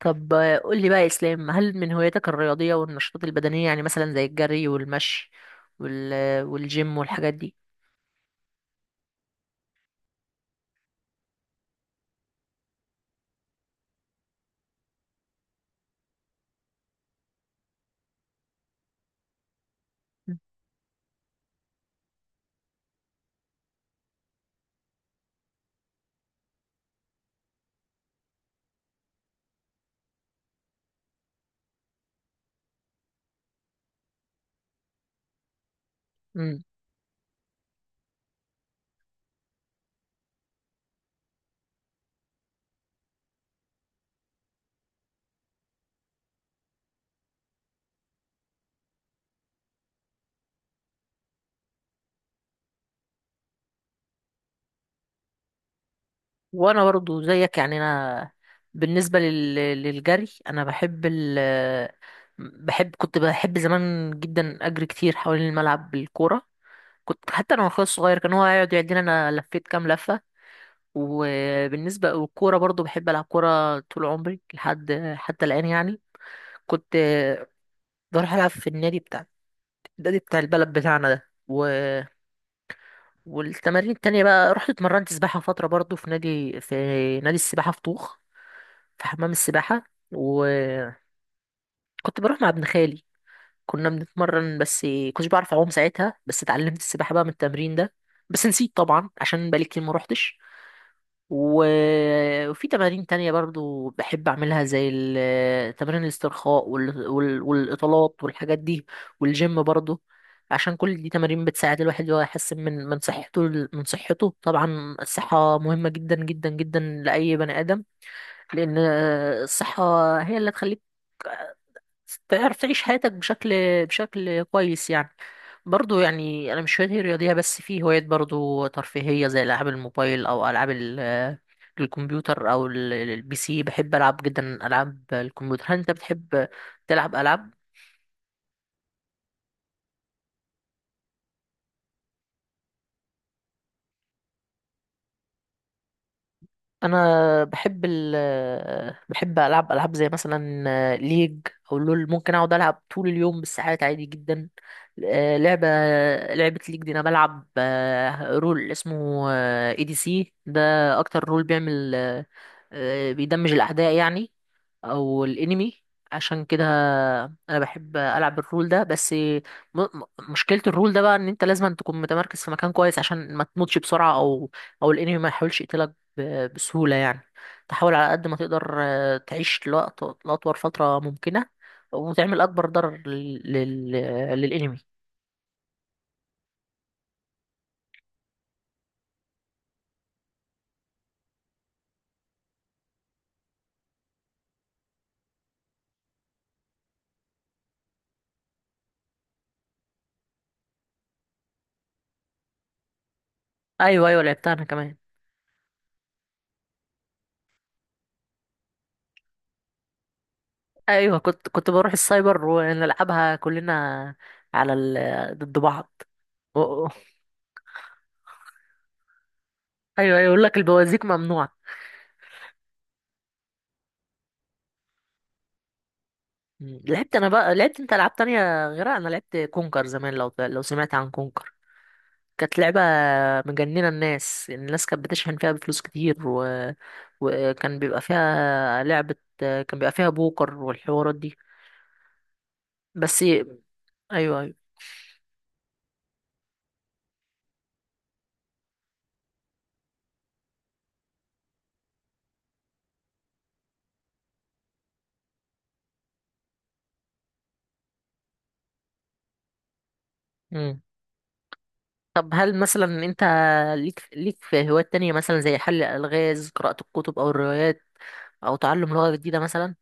طب قول لي بقى يا اسلام، هل من هواياتك الرياضيه والنشاطات البدنيه؟ يعني مثلا زي الجري والمشي والجيم والحاجات دي. مم. وانا برضو زيك. يعني انا، بالنسبه للجري، انا بحب ال... آه، بحب كنت بحب زمان جدا اجري كتير حوالين الملعب بالكوره. كنت حتى انا واخويا الصغير، كان هو يقعد يعدينا انا لفيت كام لفه. والكوره برضو بحب العب كوره طول عمري لحد حتى الان يعني. كنت بروح العب في النادي بتاع البلد بتاعنا ده والتمارين التانية بقى، رحت اتمرنت سباحة فترة برضو في نادي، في نادي السباحة في طوخ، في حمام السباحة. وكنت بروح مع ابن خالي، كنا بنتمرن. بس كنتش بعرف أعوم ساعتها، بس اتعلمت السباحة بقى من التمرين ده. بس نسيت طبعا عشان بقالي كتير ما روحتش. وفي تمارين تانية برضو بحب أعملها، زي تمارين الاسترخاء وال- وال- والإطالات والحاجات دي، والجيم برضو. عشان كل دي تمارين بتساعد الواحد إن هو يحسن من صحته. طبعا الصحة مهمة جدا جدا جدا لأي بني آدم، لأن الصحة هي اللي تخليك تعرف تعيش حياتك بشكل كويس يعني. برضو يعني انا مش هوايتي رياضيه بس، في هوايات برضو ترفيهيه زي العاب الموبايل او العاب الكمبيوتر، او الPC. بحب العب جدا العاب الكمبيوتر. هل انت بتحب تلعب العاب؟ انا بحب العب العاب زي مثلا ليج او لول. ممكن اقعد العب طول اليوم بالساعات عادي جدا. آه، لعبه لعبه ليج دي انا بلعب رول اسمه ADC ده، اكتر رول بيعمل بيدمج الاعداء يعني، او الانمي. عشان كده انا بحب العب الرول ده، بس م- مشكله الرول ده بقى ان انت لازم تكون متمركز في مكان كويس عشان ما تموتش بسرعه، او او الانمي ما يحاولش يقتلك بسهولة يعني. تحاول على قد ما تقدر تعيش لوقت، لأطول فترة ممكنة، وتعمل أكبر ضرر للإنمي. أيوة، أيوة، لعبتها أنا كمان. أيوة، كنت بروح السايبر ونلعبها كلنا على ضد بعض. و- و- أيوة، أيوة، يقول لك البوازيك ممنوع. مم. لعبت أنا بقى، لعبت أنت ألعاب تانية غيرها؟ أنا لعبت كونكر زمان. لو سمعت عن كونكر، كانت لعبة مجننة الناس كانت بتشحن فيها بفلوس كتير وكان بيبقى فيها لعبة كان بيبقى فيها بوكر والحوارات دي. بس ايوه، ايوه. مم. طب هل مثلا انت ليك في هوايات تانية، مثلا زي حل الألغاز، قراءة الكتب أو الروايات، أو تعلم لغة جديدة مثلا؟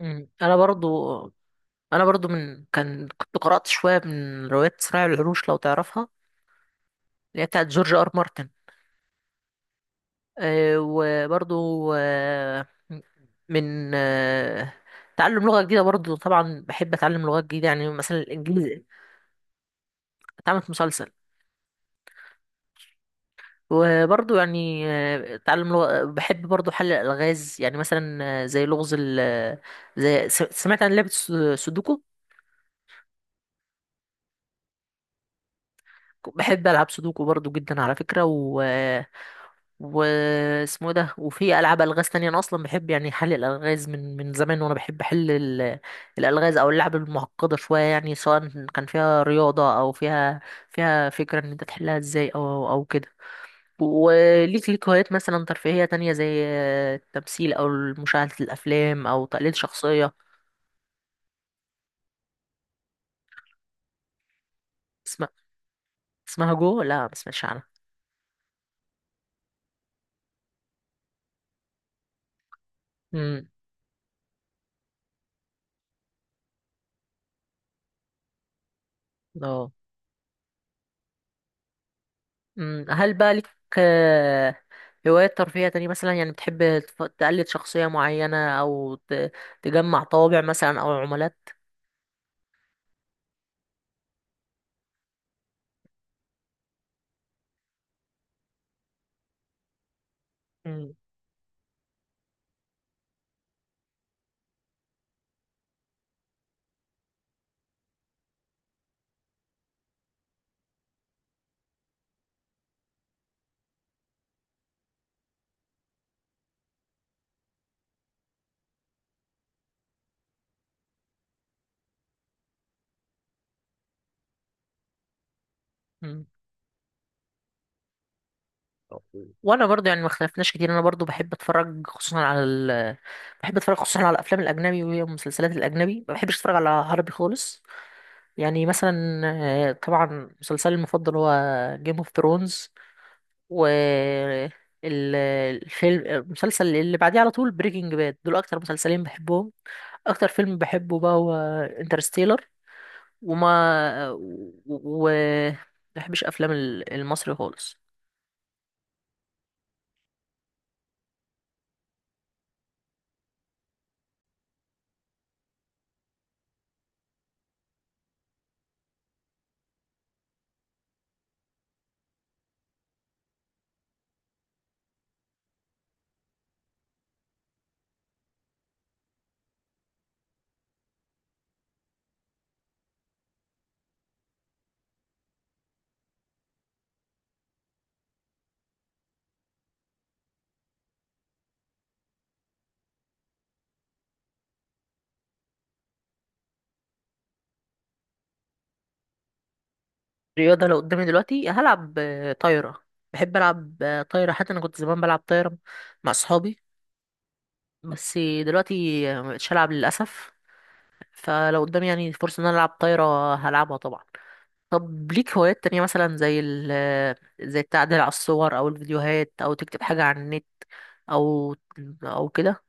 مم. أنا برضو من كان كنت قرأت شوية من روايات صراع العروش لو تعرفها، اللي هي بتاعت جورج R مارتن. وبرضو آه، من آه، تعلم لغة جديدة، برضو طبعا بحب أتعلم لغات جديدة يعني مثلا الإنجليزي. اتعمل في مسلسل. وبرضو يعني تعلم لغة. بحب برضو حل الألغاز، يعني مثلا زي لغز ال زي س- سمعت عن لعبة سودوكو؟ بحب ألعب سودوكو برضو جدا على فكرة. واسمه ده، وفي العاب الغاز تانية، انا اصلا بحب يعني حل الالغاز من زمان. وانا بحب احل الالغاز او اللعب المعقده شويه يعني، سواء كان فيها رياضه او فيها فكره ان انت تحلها ازاي، او كده. وليك هوايات مثلا ترفيهيه تانية زي التمثيل او مشاهده الافلام او تقليد شخصيه؟ اسمها اسمها جو؟ لا، ما سمعتش عنها. امم اه. هل بقى لك آه، هوايات ترفيهية تانية؟ مثلا يعني بتحب تقلد شخصية معينة، أو تجمع طوابع مثلا أو عملات؟ مم. مم. وأنا برضو يعني ما اختلفناش كتير. أنا برضو بحب أتفرج خصوصا على بحب أتفرج خصوصا على الأفلام الأجنبي والمسلسلات الأجنبي، ما بحبش أتفرج على عربي خالص يعني. مثلا طبعا مسلسلي المفضل هو جيم اوف ثرونز، و ال- الفيلم المسلسل اللي بعديه على طول بريكنج باد. دول أكتر مسلسلين بحبهم. اكتر فيلم بحبه بقى هو انترستيلر. وما و و- بحبش افلام المصري خالص. الرياضه لو قدامي دلوقتي هلعب طايره. بحب العب طايره، حتى انا كنت زمان بلعب طايره مع اصحابي. بس دلوقتي مبقتش العب للاسف. فلو قدامي يعني فرصه ان انا العب طايره هلعبها طبعا. طب ليك هوايات تانية مثلا زي ال آه، زي التعديل على الصور او الفيديوهات، او تكتب حاجه على النت، او او كده؟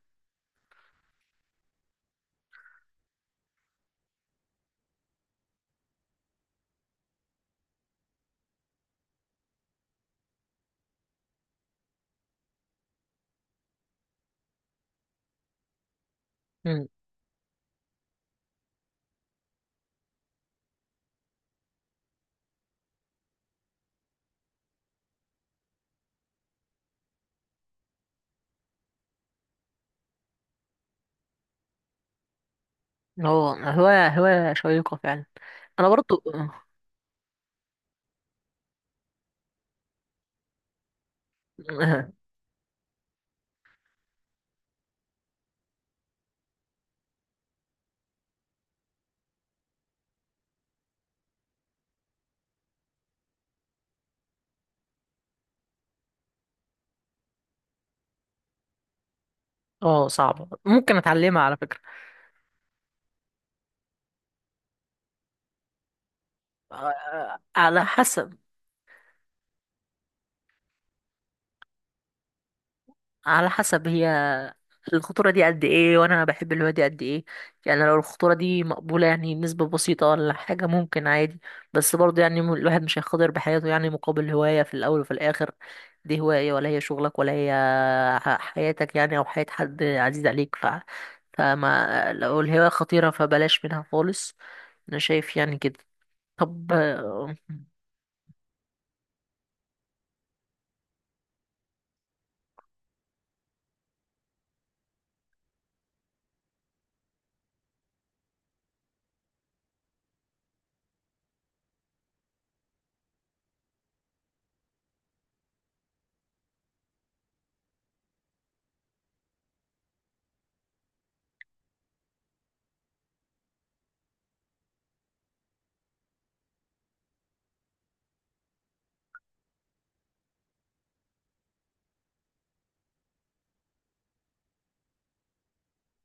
هو هواية شيقة فعلا. أنا برضو. اه، صعبة، ممكن أتعلمها على فكرة. آه، على حسب على حسب هي الخطورة دي قد إيه، وأنا بحب الهواية دي قد إيه. يعني لو الخطورة دي مقبولة، يعني نسبة بسيطة ولا حاجة، ممكن عادي. بس برضو يعني الواحد مش هيخاطر بحياته يعني مقابل هواية. في الأول وفي الآخر دي هواية، ولا هي شغلك، ولا هي حياتك يعني، أو حياة حد عزيز عليك. فما لو الهواية خطيرة، فبلاش منها خالص. انا شايف يعني كده. طب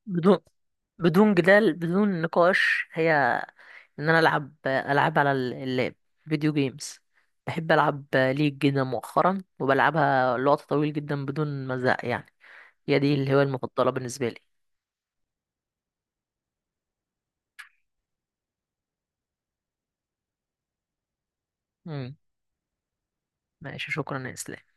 بدون بدون جدال، بدون نقاش، هي ان انا العب على اللاب، فيديو جيمز. بحب العب ليج جدا مؤخرا، وبلعبها لوقت طويل جدا بدون مزاق يعني. هي دي الهواية المفضلة بالنسبة لي. مم. ماشي، شكرا يا اسلام.